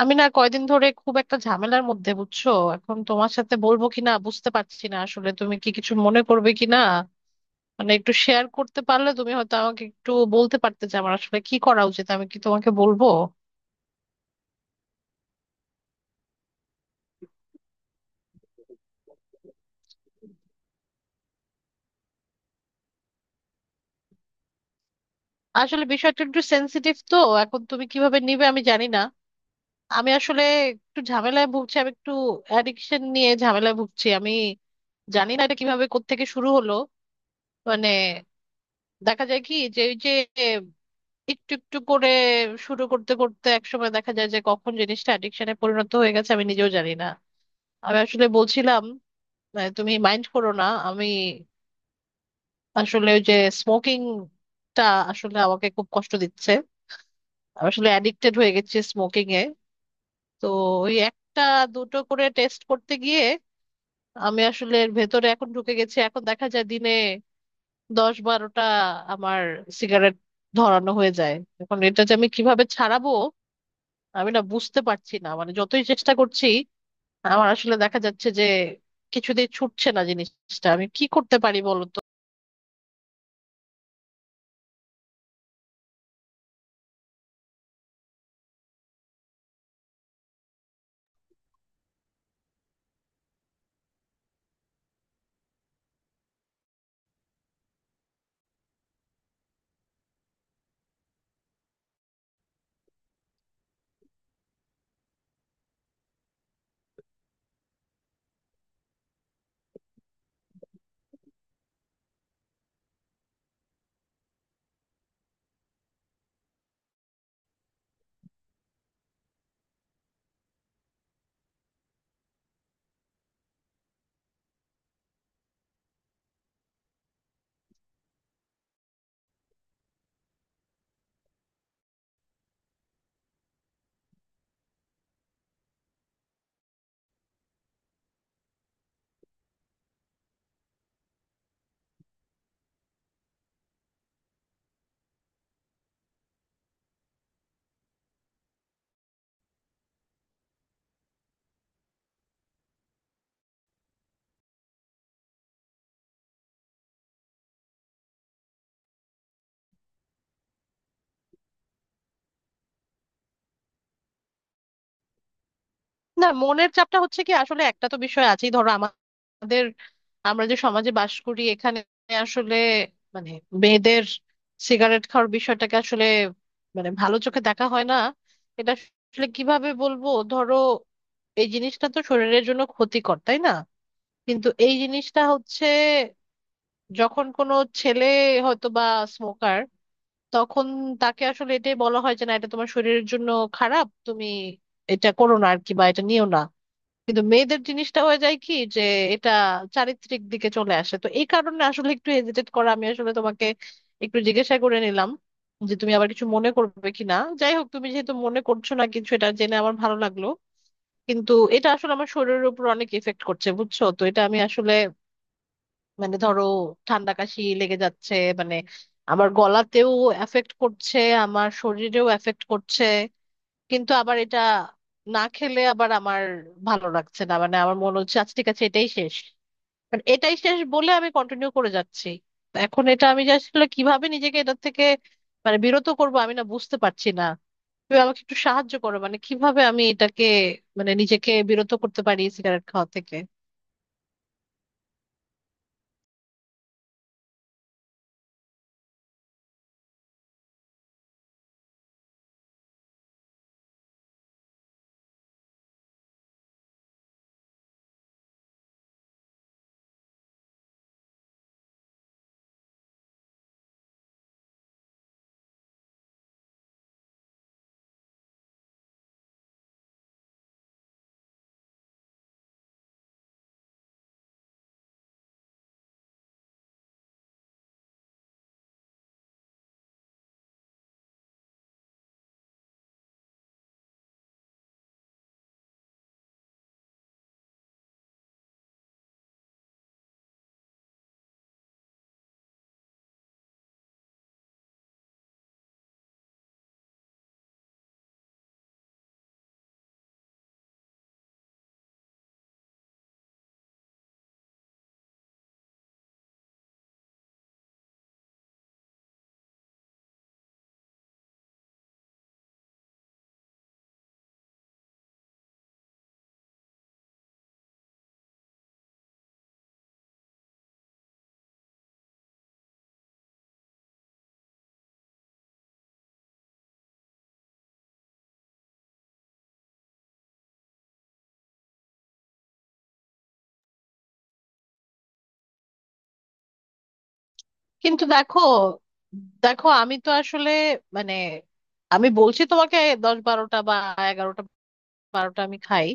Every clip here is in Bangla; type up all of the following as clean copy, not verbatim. আমি না কয়দিন ধরে খুব একটা ঝামেলার মধ্যে, বুঝছো? এখন তোমার সাথে বলবো কিনা বুঝতে পারছি না, আসলে তুমি কি কিছু মনে করবে কিনা। মানে একটু শেয়ার করতে পারলে তুমি হয়তো আমাকে একটু বলতে পারতে যে আমার আসলে কি করা উচিত। আমি কি তোমাকে বলবো? আসলে বিষয়টা একটু সেন্সিটিভ তো, এখন তুমি কিভাবে নিবে আমি জানি না। আমি আসলে একটু ঝামেলায় ভুগছি, আমি একটু অ্যাডিকশন নিয়ে ঝামেলায় ভুগছি। আমি জানি না এটা কিভাবে কোত্থেকে শুরু হলো। মানে দেখা যায় কি যে ওই যে একটু একটু করে শুরু করতে করতে একসময় দেখা যায় যে কখন জিনিসটা অ্যাডিকশনে পরিণত হয়ে গেছে আমি নিজেও জানি না। আমি আসলে বলছিলাম, তুমি মাইন্ড করো না। আমি আসলে ওই যে স্মোকিংটা আসলে আমাকে খুব কষ্ট দিচ্ছে। আমি আসলে অ্যাডিক্টেড হয়ে গেছি স্মোকিং এ। তো ওই একটা দুটো করে টেস্ট করতে গিয়ে আমি আসলে এর ভেতরে এখন ঢুকে গেছি। এখন দেখা যায় দিনে 10-12টা আমার সিগারেট ধরানো হয়ে যায়। এখন এটা যে আমি কিভাবে ছাড়াবো আমি না বুঝতে পারছি না, মানে যতই চেষ্টা করছি আমার আসলে দেখা যাচ্ছে যে কিছুতেই ছুটছে না জিনিসটা। আমি কি করতে পারি বলো তো? না, মনের চাপটা হচ্ছে কি, আসলে একটা তো বিষয় আছেই, ধরো আমাদের আমরা যে সমাজে বাস করি এখানে আসলে মানে মেয়েদের সিগারেট খাওয়ার বিষয়টাকে আসলে মানে ভালো চোখে দেখা হয় না। এটা আসলে কিভাবে বলবো, ধরো এই জিনিসটা তো শরীরের জন্য ক্ষতিকর, তাই না? কিন্তু এই জিনিসটা হচ্ছে, যখন কোনো ছেলে হয়তো বা স্মোকার, তখন তাকে আসলে এটাই বলা হয় যে না এটা তোমার শরীরের জন্য খারাপ, তুমি এটা করো না আর কি, বা এটা নিও না। কিন্তু মেয়েদের জিনিসটা হয়ে যায় কি যে এটা চারিত্রিক দিকে চলে আসে, তো এই কারণে আসলে একটু হেজিটেট করা, আমি আসলে তোমাকে একটু জিজ্ঞাসা করে নিলাম যে তুমি আবার কিছু মনে করবে কিনা। যাই হোক, তুমি যেহেতু মনে করছো না কিছু, এটা জেনে আমার ভালো লাগলো। কিন্তু এটা আসলে আমার শরীরের উপর অনেক এফেক্ট করছে বুঝছো তো, এটা আমি আসলে মানে ধরো ঠান্ডা কাশি লেগে যাচ্ছে, মানে আমার গলাতেও এফেক্ট করছে, আমার শরীরেও এফেক্ট করছে। কিন্তু আবার এটা না খেলে আবার আমার ভালো লাগছে না, মানে আমার মনে হচ্ছে আজ ঠিক আছে এটাই শেষ, মানে এটাই শেষ বলে আমি কন্টিনিউ করে যাচ্ছি। এখন এটা আমি যে আসলে কিভাবে নিজেকে এটার থেকে মানে বিরত করব আমি না বুঝতে পারছি না। তুমি আমাকে একটু সাহায্য করো, মানে কিভাবে আমি এটাকে মানে নিজেকে বিরত করতে পারি সিগারেট খাওয়া থেকে। কিন্তু দেখো, দেখো আমি তো আসলে মানে আমি বলছি তোমাকে 10-12টা বা 11-12টা আমি খাই,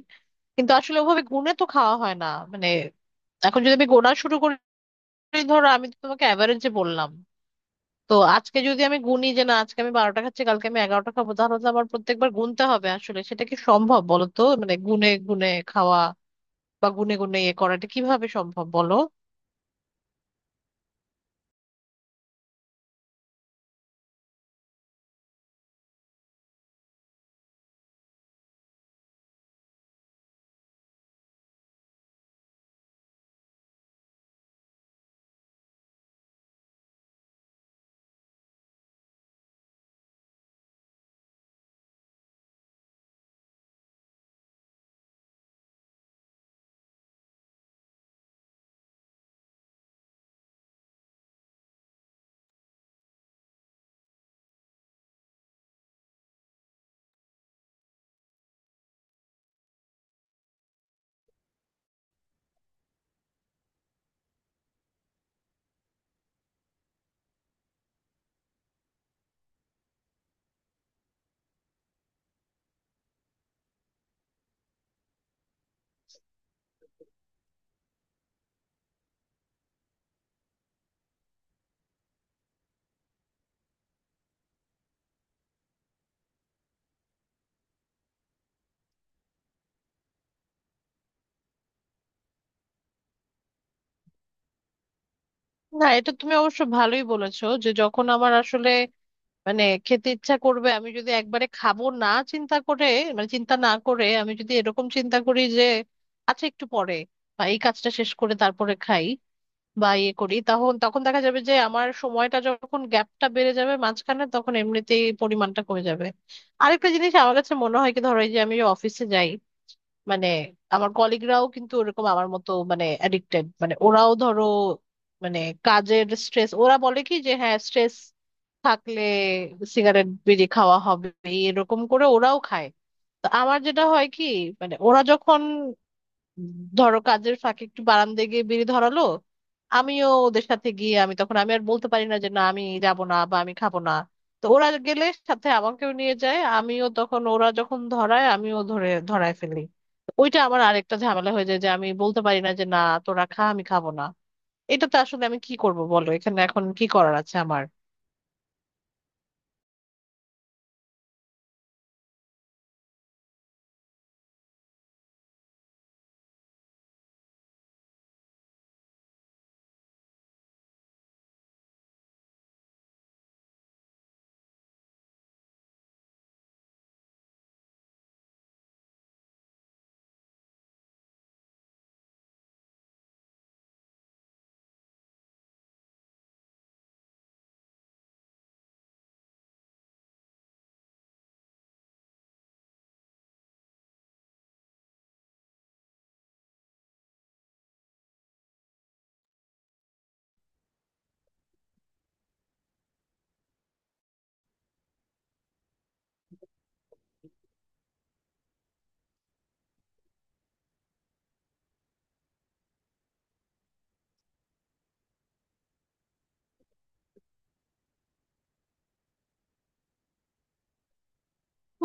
কিন্তু আসলে ওভাবে গুণে তো খাওয়া হয় না। মানে এখন যদি আমি গোনা শুরু করি, ধরো আমি তো তোমাকে অ্যাভারেজে বললাম। তো আজকে যদি আমি গুনি যে না আজকে আমি 12টা খাচ্ছি কালকে আমি 11টা খাবো, তাহলে তো আমার প্রত্যেকবার গুনতে হবে, আসলে সেটা কি সম্ভব বলো তো, মানে গুনে গুনে খাওয়া বা গুনে গুনে ইয়ে করাটা কিভাবে সম্ভব বলো? না, এটা তুমি অবশ্য ভালোই বলেছো যে যখন আমার আসলে মানে খেতে ইচ্ছা করবে আমি যদি একবারে খাবো না চিন্তা করে মানে চিন্তা না করে আমি যদি এরকম চিন্তা করি যে আচ্ছা একটু পরে বা এই কাজটা শেষ করে তারপরে খাই বা ইয়ে করি, তখন তখন দেখা যাবে যে আমার সময়টা যখন গ্যাপটা বেড়ে যাবে মাঝখানে, তখন এমনিতেই পরিমাণটা কমে যাবে। আরেকটা জিনিস আমার কাছে মনে হয় কি, ধরো এই যে আমি অফিসে যাই, মানে আমার কলিগরাও কিন্তু ওরকম আমার মতো মানে অ্যাডিক্টেড, মানে ওরাও ধরো মানে কাজের স্ট্রেস, ওরা বলে কি যে হ্যাঁ স্ট্রেস থাকলে সিগারেট বিড়ি খাওয়া হবে, এরকম করে ওরাও খায়। তো আমার যেটা হয় কি, মানে ওরা যখন ধরো কাজের ফাঁকে একটু বারান্দায় গিয়ে বিড়ি ধরালো, আমিও ওদের সাথে গিয়ে আমি তখন আমি আর বলতে পারি না যে না আমি যাব না বা আমি খাবো না। তো ওরা গেলে সাথে আমাকেও নিয়ে যায়, আমিও তখন ওরা যখন ধরায় আমিও ধরায় ফেলি। ওইটা আমার আরেকটা ঝামেলা হয়ে যায় যে আমি বলতে পারি না যে না তোরা খা আমি খাবো না। এটা তো আসলে আমি কি করব বলো, এখানে এখন কি করার আছে আমার?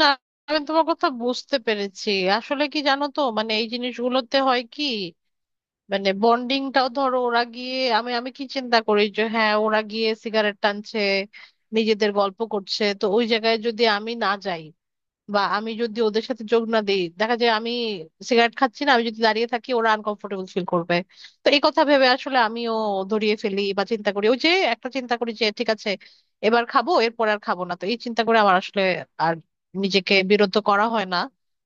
না, আমি তোমার কথা বুঝতে পেরেছি। আসলে কি জানো তো, মানে এই জিনিসগুলোতে হয় কি, মানে বন্ডিংটাও ধরো, ওরা গিয়ে, আমি আমি কি চিন্তা করি যে হ্যাঁ ওরা গিয়ে সিগারেট টানছে, নিজেদের গল্প করছে, তো ওই জায়গায় যদি আমি না যাই বা আমি যদি ওদের সাথে যোগ না দিই, দেখা যায় আমি সিগারেট খাচ্ছি না আমি যদি দাঁড়িয়ে থাকি, ওরা আনকমফোর্টেবল ফিল করবে। তো এই কথা ভেবে আসলে আমিও ধরিয়ে ফেলি বা চিন্তা করি, ওই যে একটা চিন্তা করি যে ঠিক আছে এবার খাবো এরপর আর খাবো না, তো এই চিন্তা করে আমার আসলে আর নিজেকে বিরত করা হয় না।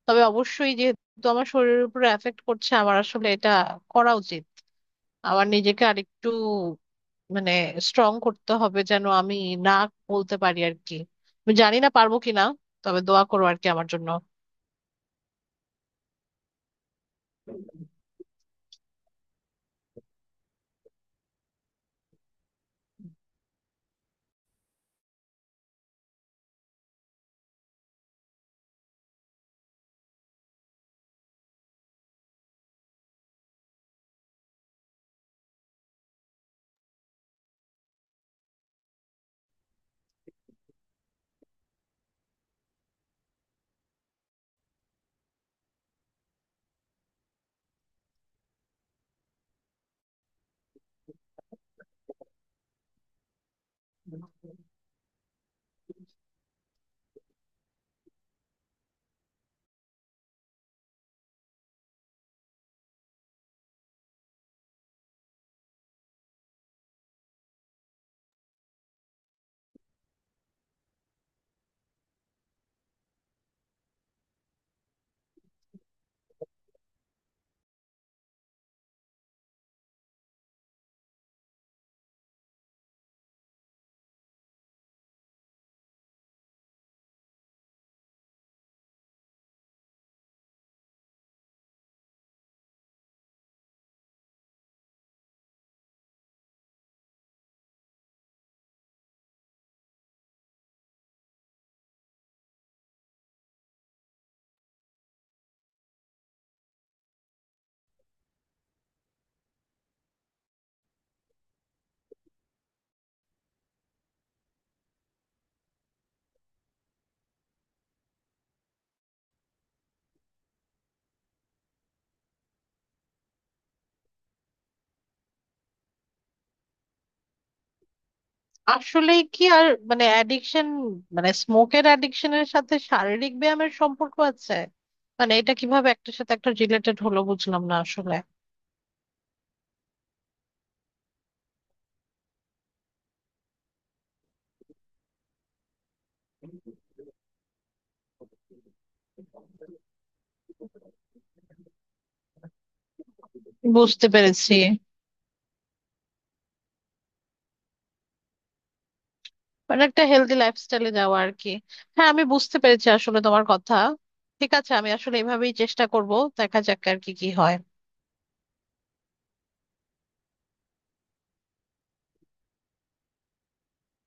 তবে অবশ্যই যেহেতু আমার শরীরের উপরে এফেক্ট করছে, আমার আসলে এটা করা উচিত, আমার নিজেকে আরেকটু মানে স্ট্রং করতে হবে যেন আমি না বলতে পারি আর কি। আমি জানি না পারবো কিনা, তবে দোয়া করো আর কি আমার জন্য। আসলে কি আর মানে অ্যাডিকশন মানে স্মোকের অ্যাডিকশনের সাথে শারীরিক ব্যায়ামের সম্পর্ক আছে? মানে এটা কিভাবে একটার সাথে একটা রিলেটেড হলো বুঝলাম না আসলে। বুঝতে পেরেছি, মানে একটা হেলদি লাইফস্টাইলে যাওয়া আর কি। হ্যাঁ, আমি বুঝতে পেরেছি আসলে তোমার কথা। ঠিক আছে, আমি আসলে এভাবেই চেষ্টা করব, দেখা যাক আর কি কি হয়।